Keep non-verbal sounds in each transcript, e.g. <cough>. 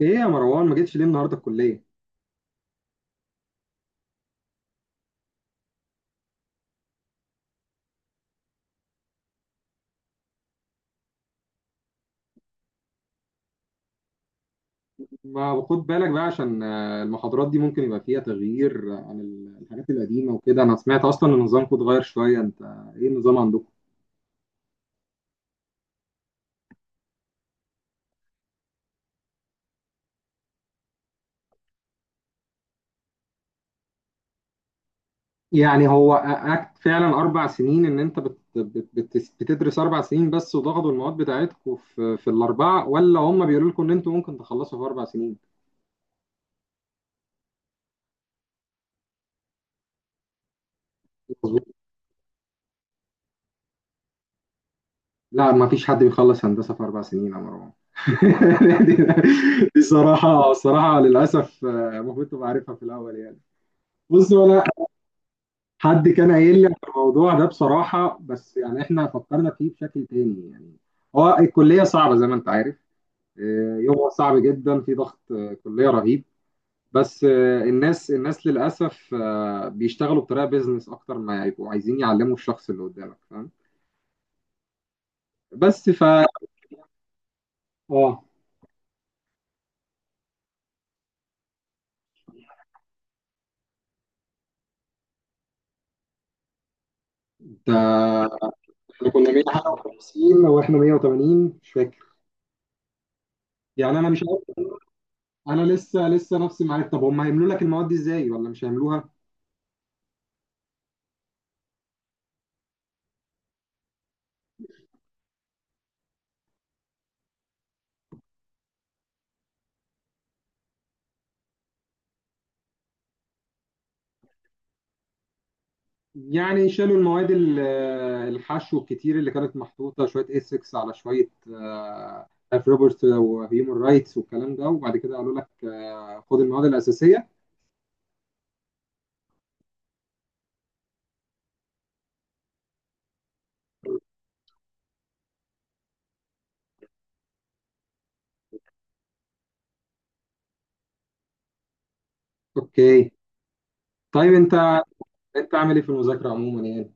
ايه يا مروان، ما جيتش ليه النهارده الكليه؟ ما خد بالك بقى عشان المحاضرات دي ممكن يبقى فيها تغيير، عن الحاجات القديمه وكده. انا سمعت اصلا ان نظامكم اتغير شويه. انت ايه النظام عندكم؟ يعني هو أكت فعلا اربع سنين ان انت بت بت بت بتدرس اربع سنين بس، وضغطوا المواد بتاعتكم في الاربعه، ولا هم بيقولوا لكم ان انتوا ممكن تخلصوا في اربع سنين؟ مظبوط. لا، ما فيش حد بيخلص هندسه في اربع سنين يا مروان. <laughs> دي دي- دي صراحه الصراحه للاسف، المفروض تبقى عارفها في الاول يعني. بص، ولا حد كان قايل لي على الموضوع ده بصراحة، بس يعني احنا فكرنا فيه بشكل تاني يعني. هو الكلية صعبة زي ما انت عارف. يومها صعب جدا، في ضغط، كلية رهيب. بس الناس للأسف بيشتغلوا بطريقة بيزنس أكتر ما يبقوا عايزين يعلموا الشخص اللي قدامك، فاهم؟ بس ف اه انت، احنا كنا 151 واحنا 180 مش فاكر. يعني انا مش عارف. انا لسه نفسي معايا. طب هم هيعملوا لك المواد دي ازاي، ولا مش هيعملوها؟ يعني شالوا المواد الحشو الكتير اللي كانت محطوطة، شوية اسكس على شوية، اف روبرت وهيومن رايتس والكلام ده، وبعد كده قالوا لك خد المواد الأساسية. اوكي. طيب انت عامل ايه في المذاكرة عموما يعني؟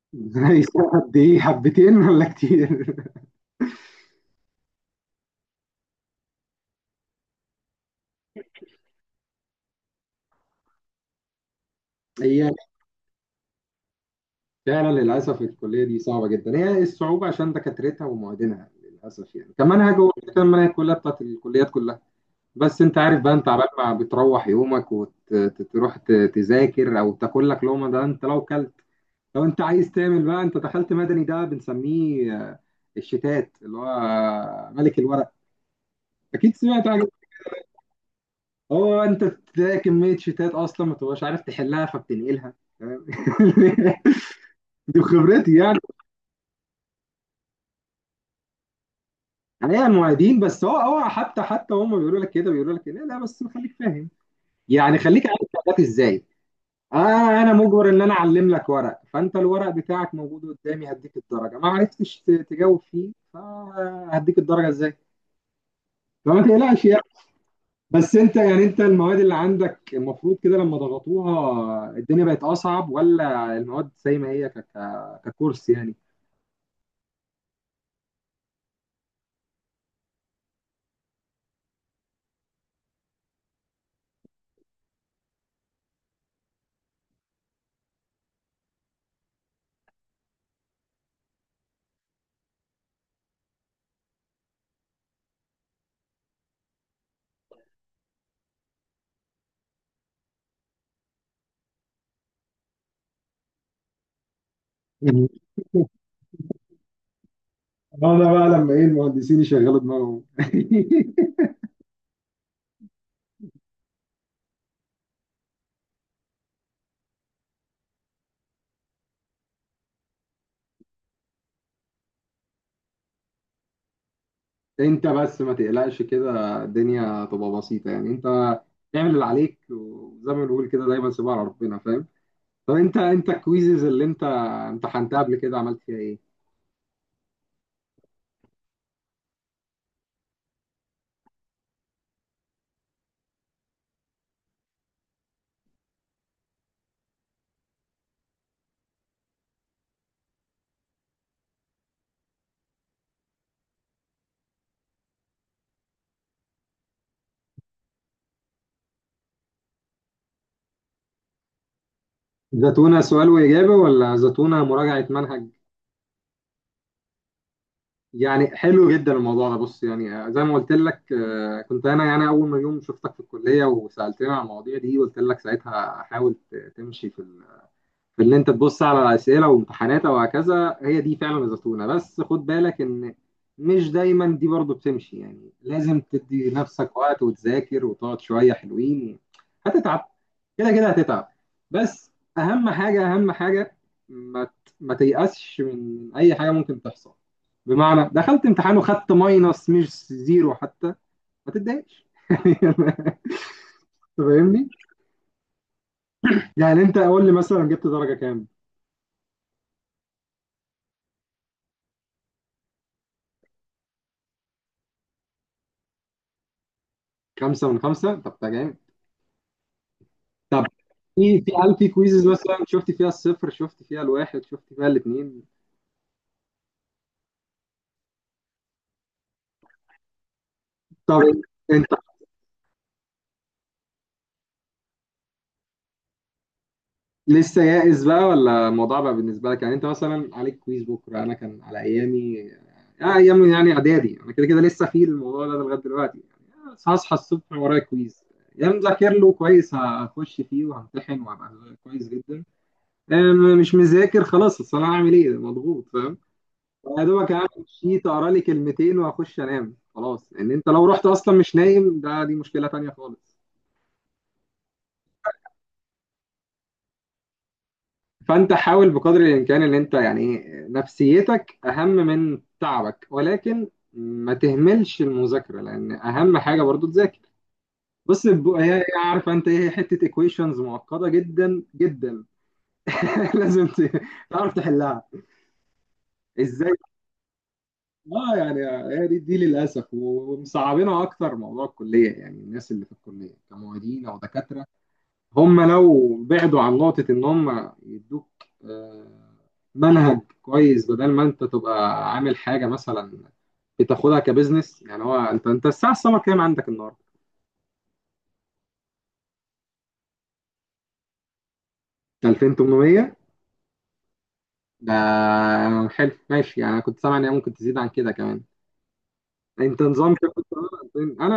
<laughs> زي قد ايه، حبتين ولا كتير؟ <laughs> هي فعلا للأسف الكلية دي صعبة جدا. هي إيه الصعوبة؟ عشان دكاترتها ومعيدينها للأسف، يعني كمنهج هو كان منهج كلها بتاعت الكليات كلها. بس انت عارف بقى، انت عبال ما بتروح يومك وتروح تذاكر او تاكل لك لقمه، ده انت لو كلت. لو انت عايز تعمل بقى، انت دخلت مدني ده بنسميه الشتات، اللي هو ملك الورق. اكيد سمعت حاجه. هو انت تلاقي كميه شتات اصلا ما تبقاش عارف تحلها فبتنقلها. فاهم؟ <laughs> دي خبرتي يعني. عليها المعيدين، بس هو حتى هم بيقولوا لك كده، لا بس خليك فاهم، يعني خليك عارف شغالات ازاي. آه، أنا مجبر إن أنا أعلم لك ورق، فأنت الورق بتاعك موجود قدامي، هديك الدرجة. ما عرفتش تجاوب فيه، فهديك الدرجة إزاي؟ فما تقلقش يعني. بس أنت يعني، أنت المواد اللي عندك المفروض كده لما ضغطوها الدنيا بقت أصعب، ولا المواد زي ما هي ك... ك... ككورس يعني؟ <laughs> أنا بقى لما إيه، المهندسين يشغلوا دماغهم. <laughs> انت بس ما تقلقش، كده الدنيا تبقى بسيطة يعني. انت اعمل اللي عليك، وزي ما بنقول كده دايما سيبها على ربنا، فاهم؟ طب انت الكويزز اللي انت امتحنتها قبل كده عملت فيها ايه؟ زتونة سؤال وإجابة، ولا زتونة مراجعة منهج؟ يعني حلو جدا الموضوع ده. بص، يعني زي ما قلت لك، كنت انا يعني اول ما يوم شفتك في الكلية وسألتني عن المواضيع دي قلت لك ساعتها حاول تمشي في اللي انت تبص على اسئله وامتحانات وهكذا. هي دي فعلا الزتونه. بس خد بالك ان مش دايما دي برضو بتمشي يعني. لازم تدي نفسك وقت وتذاكر وتقعد شويه حلوين. هتتعب، كده كده هتتعب. بس اهم حاجه، اهم حاجه ما تيأسش من اي حاجه ممكن تحصل. بمعنى دخلت امتحان وخدت ماينس، مش زيرو حتى، ما تتضايقش. <laughs> يعني فاهمني؟ يعني انت قول لي مثلا جبت درجه كام. خمسة من خمسة، طب ده جامد. طب، في في هل في كويزز مثلا شفت فيها الصفر، شفت فيها الواحد، شفت فيها الاثنين؟ طب انت لسه يائس بقى، ولا الموضوع بقى بالنسبه لك يعني؟ انت مثلا عليك كويز بكره. انا كان على ايامي، ايام يعني اعدادي، انا كده كده لسه في الموضوع ده لغايه دلوقتي يعني. هصحى الصبح ورايا كويز، يا مذاكر له كويس هخش فيه وهمتحن وهبقى كويس جدا، مش مذاكر خلاص، اصل انا هعمل ايه مضغوط. يا دوبك اعمل شيت اقرا لي كلمتين واخش انام خلاص، ان انت لو رحت اصلا مش نايم، ده دي مشكله تانية خالص. فانت حاول بقدر الامكان ان انت يعني نفسيتك اهم من تعبك، ولكن ما تهملش المذاكره، لان اهم حاجه برضو تذاكر. بص، هي عارفه انت، ايه حته ايكويشنز معقده جدا جدا. <laughs> لازم تعرف تحلها ازاي. اه يعني، هي دي للاسف ومصعبينها اكتر. موضوع الكليه يعني، الناس اللي في الكليه كمعيدين او دكاتره هم لو بعدوا عن نقطة إن هم يدوك آه، منهج كويس، بدل ما أنت تبقى عامل حاجة مثلا، بتاخدها كبزنس يعني. هو أنت الساعة السمر كام عندك النهاردة؟ 2800. ده حلو، ماشي يعني. أنا كنت سامع إن هي ممكن تزيد عن كده كمان. أنت نظام كام كنت عامل؟ أنا،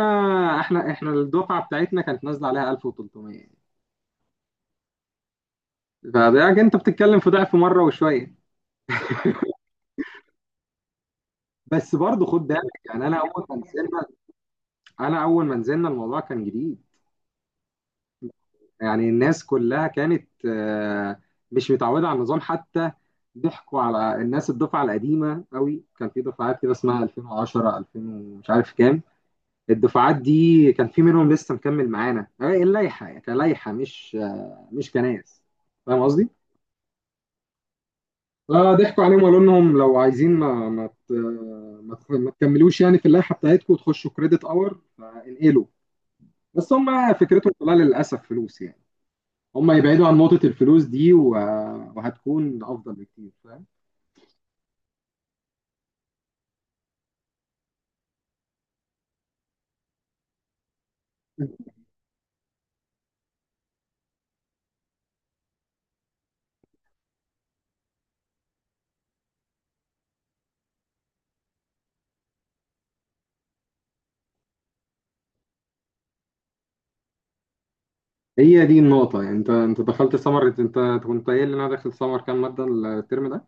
إحنا الدفعة بتاعتنا كانت نازلة عليها 1300 يعني. فده أنت بتتكلم في ضعف مرة وشوية. بس برضه خد بالك يعني، أنا أول ما نزلنا الموضوع كان جديد. يعني الناس كلها كانت مش متعودة على النظام حتى. ضحكوا على الناس الدفعة القديمة قوي. كان في دفعات كده اسمها 2010، 2000، ومش عارف كام. الدفعات دي كان في منهم لسه مكمل معانا، اللائحة كلائحة، مش مش كناس. فاهم قصدي؟ فضحكوا عليهم وقالوا لهم لو عايزين، ما ما ت- ما تخ- ما تكملوش يعني في اللائحة بتاعتكم، وتخشوا كريدت اور فانقلوا. بس هم فكرتهم كلها للأسف فلوس يعني. هم يبعدوا عن نقطة الفلوس دي وهتكون أفضل بكتير، فاهم؟ هي دي النقطة يعني. أنت دخلت سمر. أنت كنت قايل لي إن أنا داخل سمر كام مادة الترم ده.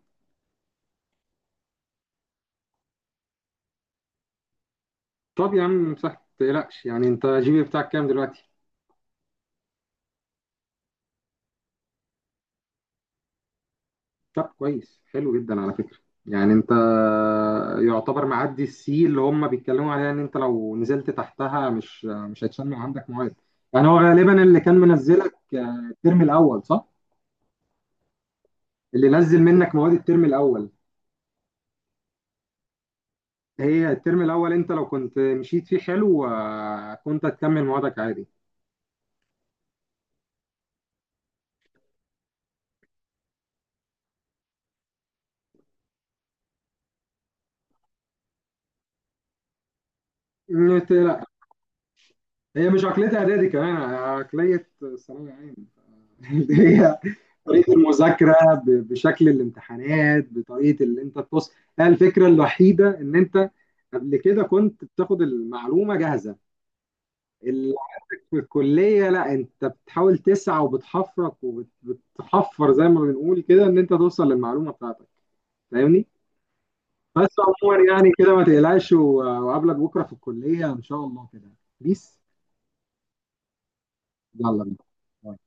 طب يا عم صح، ما تقلقش يعني. أنت جي بي بتاعك كام دلوقتي؟ طب كويس، حلو جدا على فكرة. يعني أنت يعتبر معدي السي اللي هم بيتكلموا عليها، إن أنت لو نزلت تحتها مش هتشمع عندك مواد. يعني هو غالبا اللي كان منزلك الترم الأول صح؟ اللي نزل منك مواد الترم الأول، هي الترم الاول انت لو كنت مشيت فيه حلو، كنت هتكمل موادك عادي. إنت- هي مش عقليه اعدادي، كمان عقليه ثانوي عام. <laughs> اللي هي طريقه المذاكره بشكل الامتحانات، بطريقه اللي انت بص. هي الفكره الوحيده، ان انت قبل كده كنت بتاخد المعلومه جاهزه. ال- في الكليه لا، انت بتحاول تسعى وبتحفرك، وبتحفر زي ما بنقول كده، ان انت توصل للمعلومه بتاعتك. فاهمني؟ بس عموما يعني كده ما تقلقش، وقابلك بكره في الكليه ان شاء الله كده. بيس. يلا بينا.